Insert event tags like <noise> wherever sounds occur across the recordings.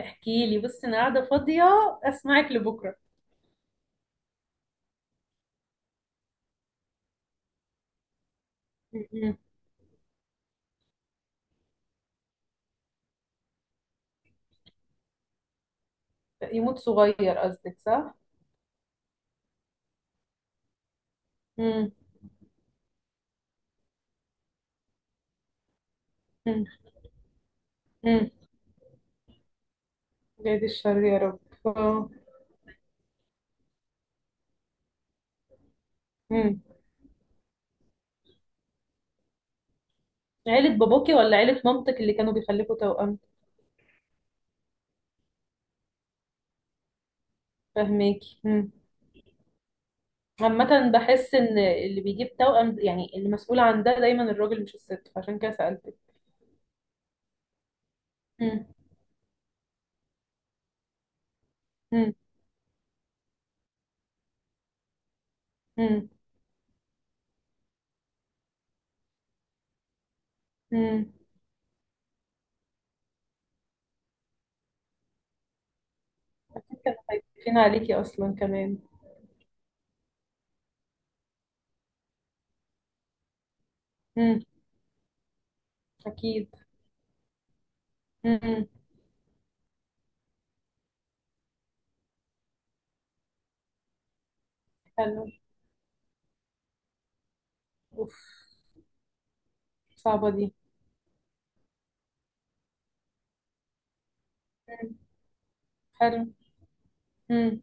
احكي لي. بصي، انا قاعده فاضيه، اسمعك لبكره. م-م. يموت صغير، قصدك، صح؟ م-م. م-م. بعيد الشر يا رب. آه. م. عيله باباكي ولا عيله مامتك اللي كانوا بيخلفوا توأم؟ فهماكي. م. عامة، بحس ان اللي بيجيب توأم يعني المسؤول عن ده دايما الراجل مش الست، فعشان كده سألتك. م. م. م. م. اكيد كانوا خايفين عليكي اصلا كمان. م. اكيد. م. حلو. اوف. صعبة دي. م. حلو. امم.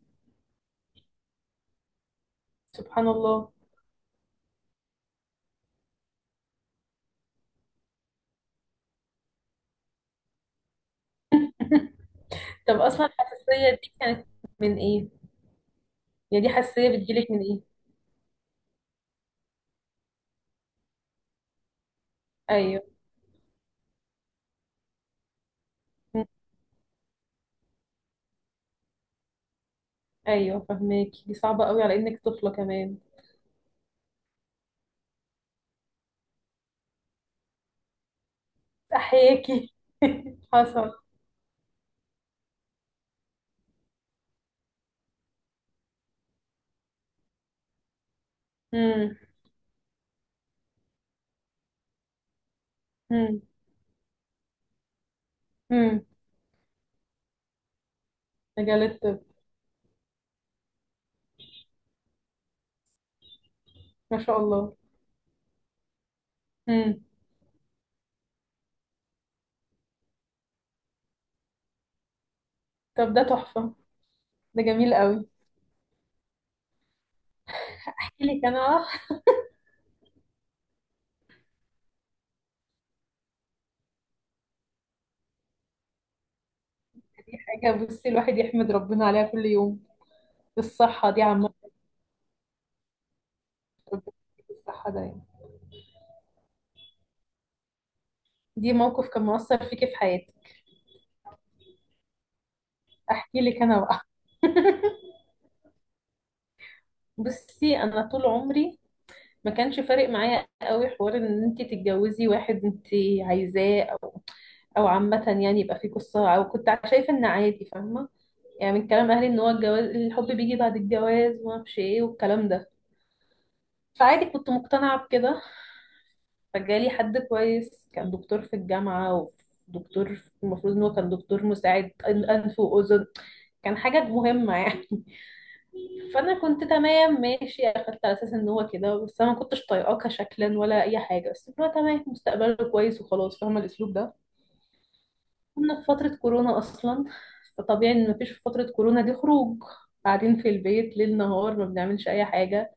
سبحان الله. طب، اصلا الحساسيه دي كانت من ايه؟ يعني دي حساسيه بتجيلك من ايه؟ ايوه. مم. ايوه، فهماكي، دي صعبه قوي على انك طفله كمان. احياكي. <laughs> حصل. امم. امم. امم. مجال الطب. ما شاء الله. امم. طب، ده تحفه. ده جميل قوي. احكي لك انا. <laughs> دي حاجه، بصي، الواحد يحمد ربنا عليها كل يوم. الصحه دي عامه. ربنا يديك الصحه ده يعني. دي موقف كان مؤثر فيكي في حياتك؟ احكي لك انا بقى. <laughs> بصي، انا طول عمري ما كانش فارق معايا قوي حوار ان انت تتجوزي واحد انت عايزاه، او عامه، يعني يبقى في قصه، او كنت شايفه ان عادي، فاهمه. يعني من كلام اهلي ان هو الجواز، الحب بيجي بعد الجواز، وما اعرفش ايه والكلام ده. فعادي، كنت مقتنعه بكده. فجالي حد كويس، كان دكتور في الجامعه، ودكتور المفروض ان هو كان دكتور مساعد انف واذن، كان حاجه مهمه يعني. فانا كنت تمام، ماشي، اخدت على اساس ان هو كده. بس انا ما كنتش طايقاه كشكلا ولا اي حاجه، بس اللي هو تمام، مستقبله كويس وخلاص، فاهمه الاسلوب ده. كنا في فتره كورونا اصلا، فطبيعي ان مفيش في فتره كورونا دي خروج، قاعدين في البيت ليل نهار، ما بنعملش اي حاجه.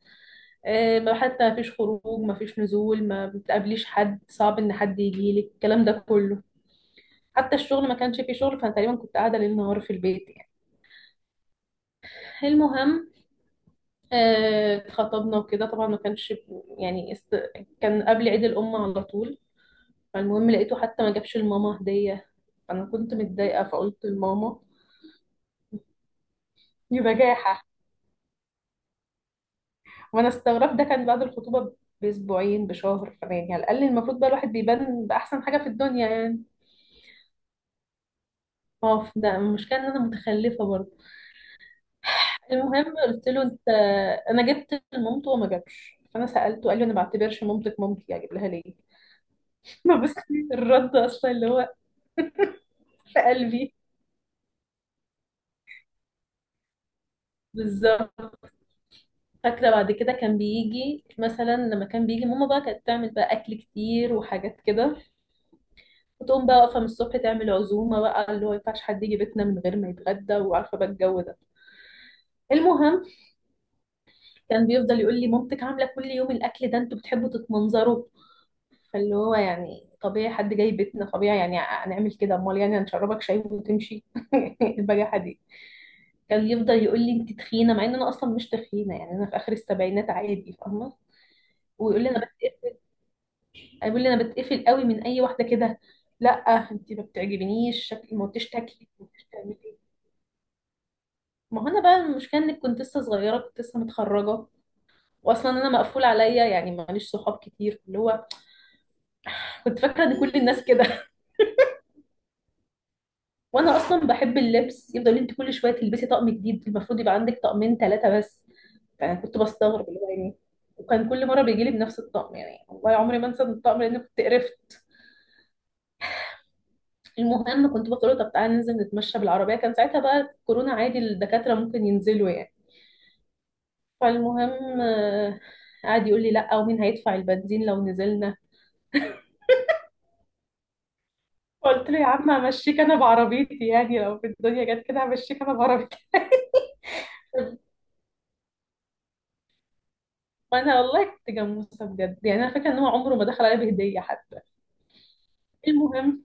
آه، ما حتى مفيش خروج، مفيش نزول، ما بتقابليش حد. صعب ان حد يجي لك الكلام ده كله. حتى الشغل ما كانش فيه شغل، فانا تقريبا كنت قاعده ليل نهار في البيت يعني. المهم، آه، اتخطبنا وكده، طبعا ما كانش يعني كان قبل عيد الأم على طول. فالمهم، لقيته حتى ما جابش لماما هدية. أنا كنت متضايقة، فقلت لماما بجاحة. وأنا استغربت. ده كان بعد الخطوبة بأسبوعين، بشهر، فأنا يعني على الأقل المفروض بقى الواحد بيبان بأحسن حاجة في الدنيا يعني. ما هو ده المشكلة، إن أنا متخلفة برضه. المهم، قلت له أنت، أنا جبت لمامته وما جابش، فأنا سألته. قال لي أنا ما بعتبرش مامتك مامتي، أجيب لها ليه؟ <laughs> ما بس الرد أصلا اللي هو في قلبي. بالظبط. فاكرة بعد كده كان بيجي مثلا لما كان بيجي ماما بقى، كانت تعمل بقى أكل كتير وحاجات كده، وتقوم بقى واقفة من الصبح تعمل عزومة بقى، اللي هو ينفعش حد يجي بيتنا من غير ما يتغدى، وعارفة بقى الجو ده. المهم، كان بيفضل يقول لي مامتك عاملة كل يوم الأكل ده، انتوا بتحبوا تتمنظروا. فاللي هو يعني طبيعي، حد جاي بيتنا طبيعي يعني هنعمل كده، امال يعني هنشربك شاي وتمشي؟ <laughs> البجاحة دي. كان يفضل يقول لي انت تخينه، مع ان انا اصلا مش تخينه يعني، انا في اخر السبعينات عادي، فاهمه. ويقول لي انا بتقفل يقول لي انا بتقفل قوي من اي واحده كده. لا، انت ما بتعجبنيش شكل، ما قلتيش تاكلي، ما قلتيش تعملي. ما هو انا بقى المشكله انك كنت لسه صغيره، كنت لسه متخرجه. واصلا انا مقفول عليا يعني، ماليش صحاب كتير، اللي هو كنت فاكره ان كل الناس كده. <laughs> وانا اصلا بحب اللبس، يفضل يقول لي انت كل شويه تلبسي طقم جديد، المفروض يبقى عندك طقمين ثلاثه بس. فانا كنت بستغرب اللي هو يعني. وكان كل مره بيجي لي بنفس الطقم يعني، والله عمري ما انسى الطقم لان كنت قرفت. المهم، كنت بقول له طب تعالى ننزل نتمشى بالعربية، كان ساعتها بقى كورونا عادي، الدكاترة ممكن ينزلوا يعني. فالمهم قعد يقول لي لا، ومين هيدفع البنزين لو نزلنا؟ قلت له يا عم، همشيك انا بعربيتي، يعني لو في الدنيا جت كده همشيك انا بعربيتي. <laughs> وانا والله كنت جاموسه بجد يعني، انا فاكره ان هو عمره ما دخل عليا بهديه حتى. المهم،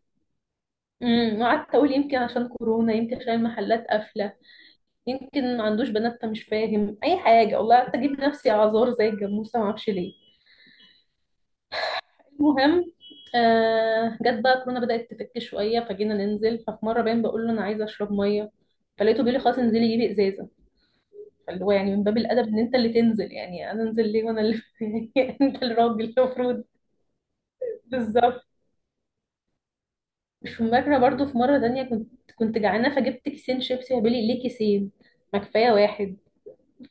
قعدت اقول يمكن عشان كورونا، يمكن عشان المحلات قافله، يمكن ما عندوش بنات فمش فاهم اي حاجه. والله قعدت اجيب نفسي اعذار زي الجاموسه، ما اعرفش ليه. المهم، جت بقى كورونا، بدأت تفك شوية، فجينا ننزل. ففي مرة باين بقول له أنا عايزة أشرب مية، فلقيته بيقول لي خلاص انزلي جيبي إزازة. فاللي هو يعني من باب الأدب إن أنت اللي تنزل، يعني أنا أنزل ليه وأنا اللي <laughs> يعني أنت الراجل المفروض. بالظبط. مش فاكرة، برضو في مرة تانية كنت جعانة، فجبت كيسين شيبسي. فبيقول لي ليه كيسين؟ ما كفاية واحد؟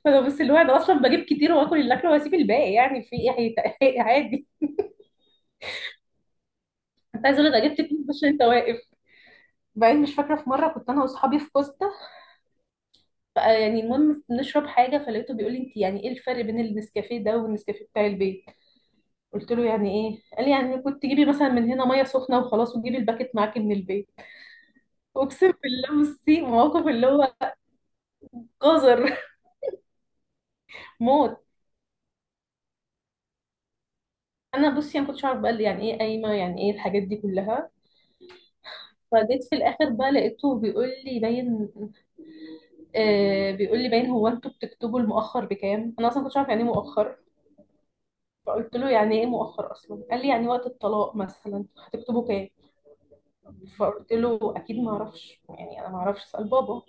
فأنا بص، اللي هو أنا أصلا بجيب كتير وآكل اللي أكله وأسيب الباقي، يعني في إيه؟ <laughs> عادي. كنت عايزة أقول لك أنا جبت كتير عشان أنت واقف. بعدين مش فاكرة، في مرة كنت أنا وأصحابي في كوستا بقى، يعني المهم بنشرب حاجه، فلقيته بيقول لي انت يعني ايه الفرق بين النسكافيه ده والنسكافيه بتاع البيت؟ قلت له يعني ايه؟ قال لي يعني كنت تجيبي مثلا من هنا ميه سخنه وخلاص، وتجيبي الباكت معاكي من البيت. اقسم بالله بصي، موقف اللي هو قذر. <laughs> موت. انا بصي، انا ما كنتش اعرف بقى اللي يعني ايه قايمه، يعني ايه الحاجات دي كلها. فجيت في الاخر بقى، لقيته بيقول لي باين. آه، بيقول لي باين هو انتوا بتكتبوا المؤخر بكام، انا اصلا ما كنتش عارف يعني ايه مؤخر. فقلت له يعني ايه مؤخر اصلا؟ قال لي يعني وقت الطلاق مثلا هتكتبوا كام. فقلت له اكيد ما اعرفش يعني، انا ما اعرفش، اسال بابا.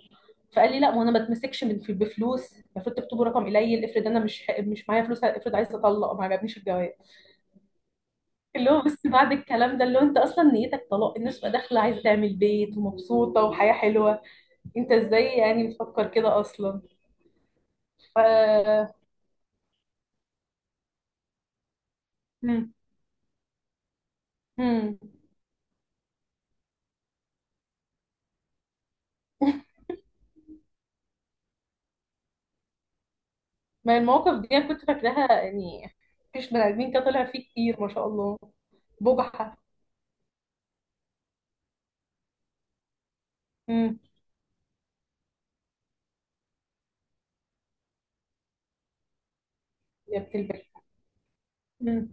فقال لي لا، ما انا ما اتمسكش من بفلوس، المفروض تكتبوا رقم قليل، افرض انا مش معايا فلوس، افرض عايز اطلق. ما عجبنيش الجواب اللي هو بس، بعد الكلام ده، اللي هو انت اصلا نيتك طلاق؟ الناس بقى داخله عايزه تعمل بيت ومبسوطه وحياه حلوه، انت ازاي يعني بتفكر كده اصلا؟ ف مم. مم. <laughs> ما المواقف دي أنا كنت فاكراها يعني، مفيش بني ادمين كده طلع فيه كتير، ما شاء الله. بجحه. مم. يا بنت البلد،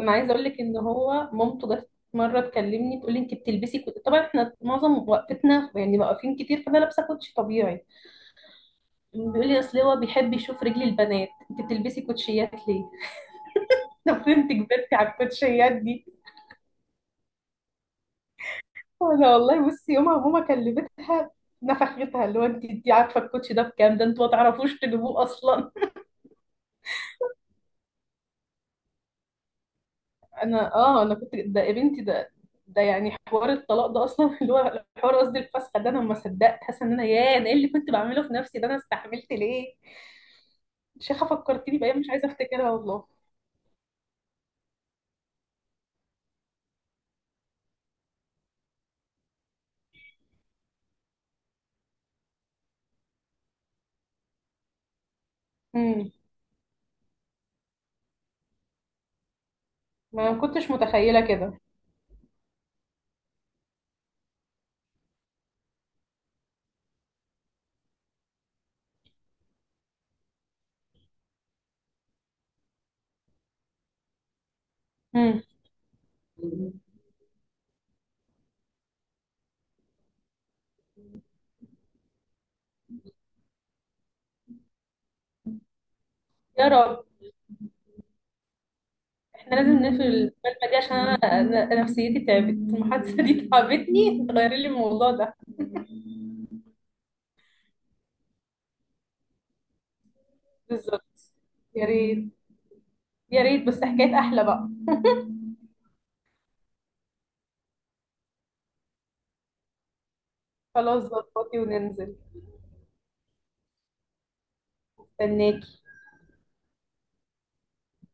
انا عايزه اقول لك ان هو مامته جت مره تكلمني، تقول لي انت بتلبسي كوتشي. طبعا احنا معظم وقفتنا يعني واقفين كتير، فانا لابسه كوتشي طبيعي. بيقول لي اصل هو بيحب يشوف رجل البنات، انت بتلبسي كوتشيات ليه؟ <laughs> طب انت كبرتي على الكوتشيات دي؟ انا والله بصي، يومها ماما كلمتها، نفختها، اللي هو انت عارفه الكوتشي ده بكام؟ ده انتوا ما تعرفوش تجيبوه اصلا. انا كنت، ده يا بنتي ده، ده يعني حوار الطلاق ده اصلا. <laughs> اللي هو حوار، قصدي الفسخه ده، انا ما صدقت، حاسه ان انا، ياه، انا ايه اللي كنت بعمله في نفسي ده، انا استحملت ليه؟ شيخه، فكرتيني بايام مش عايزه افتكرها والله. امم. ما كنتش متخيله كده. امم. يا رب. احنا لازم نقفل المكالمه دي عشان انا نفسيتي تعبت، المحادثه دي تعبتني، غيري لي الموضوع ده. بالظبط. يا ريت. يا ريت بس حكايات احلى بقى. خلاص، ظبطي وننزل. استناكي.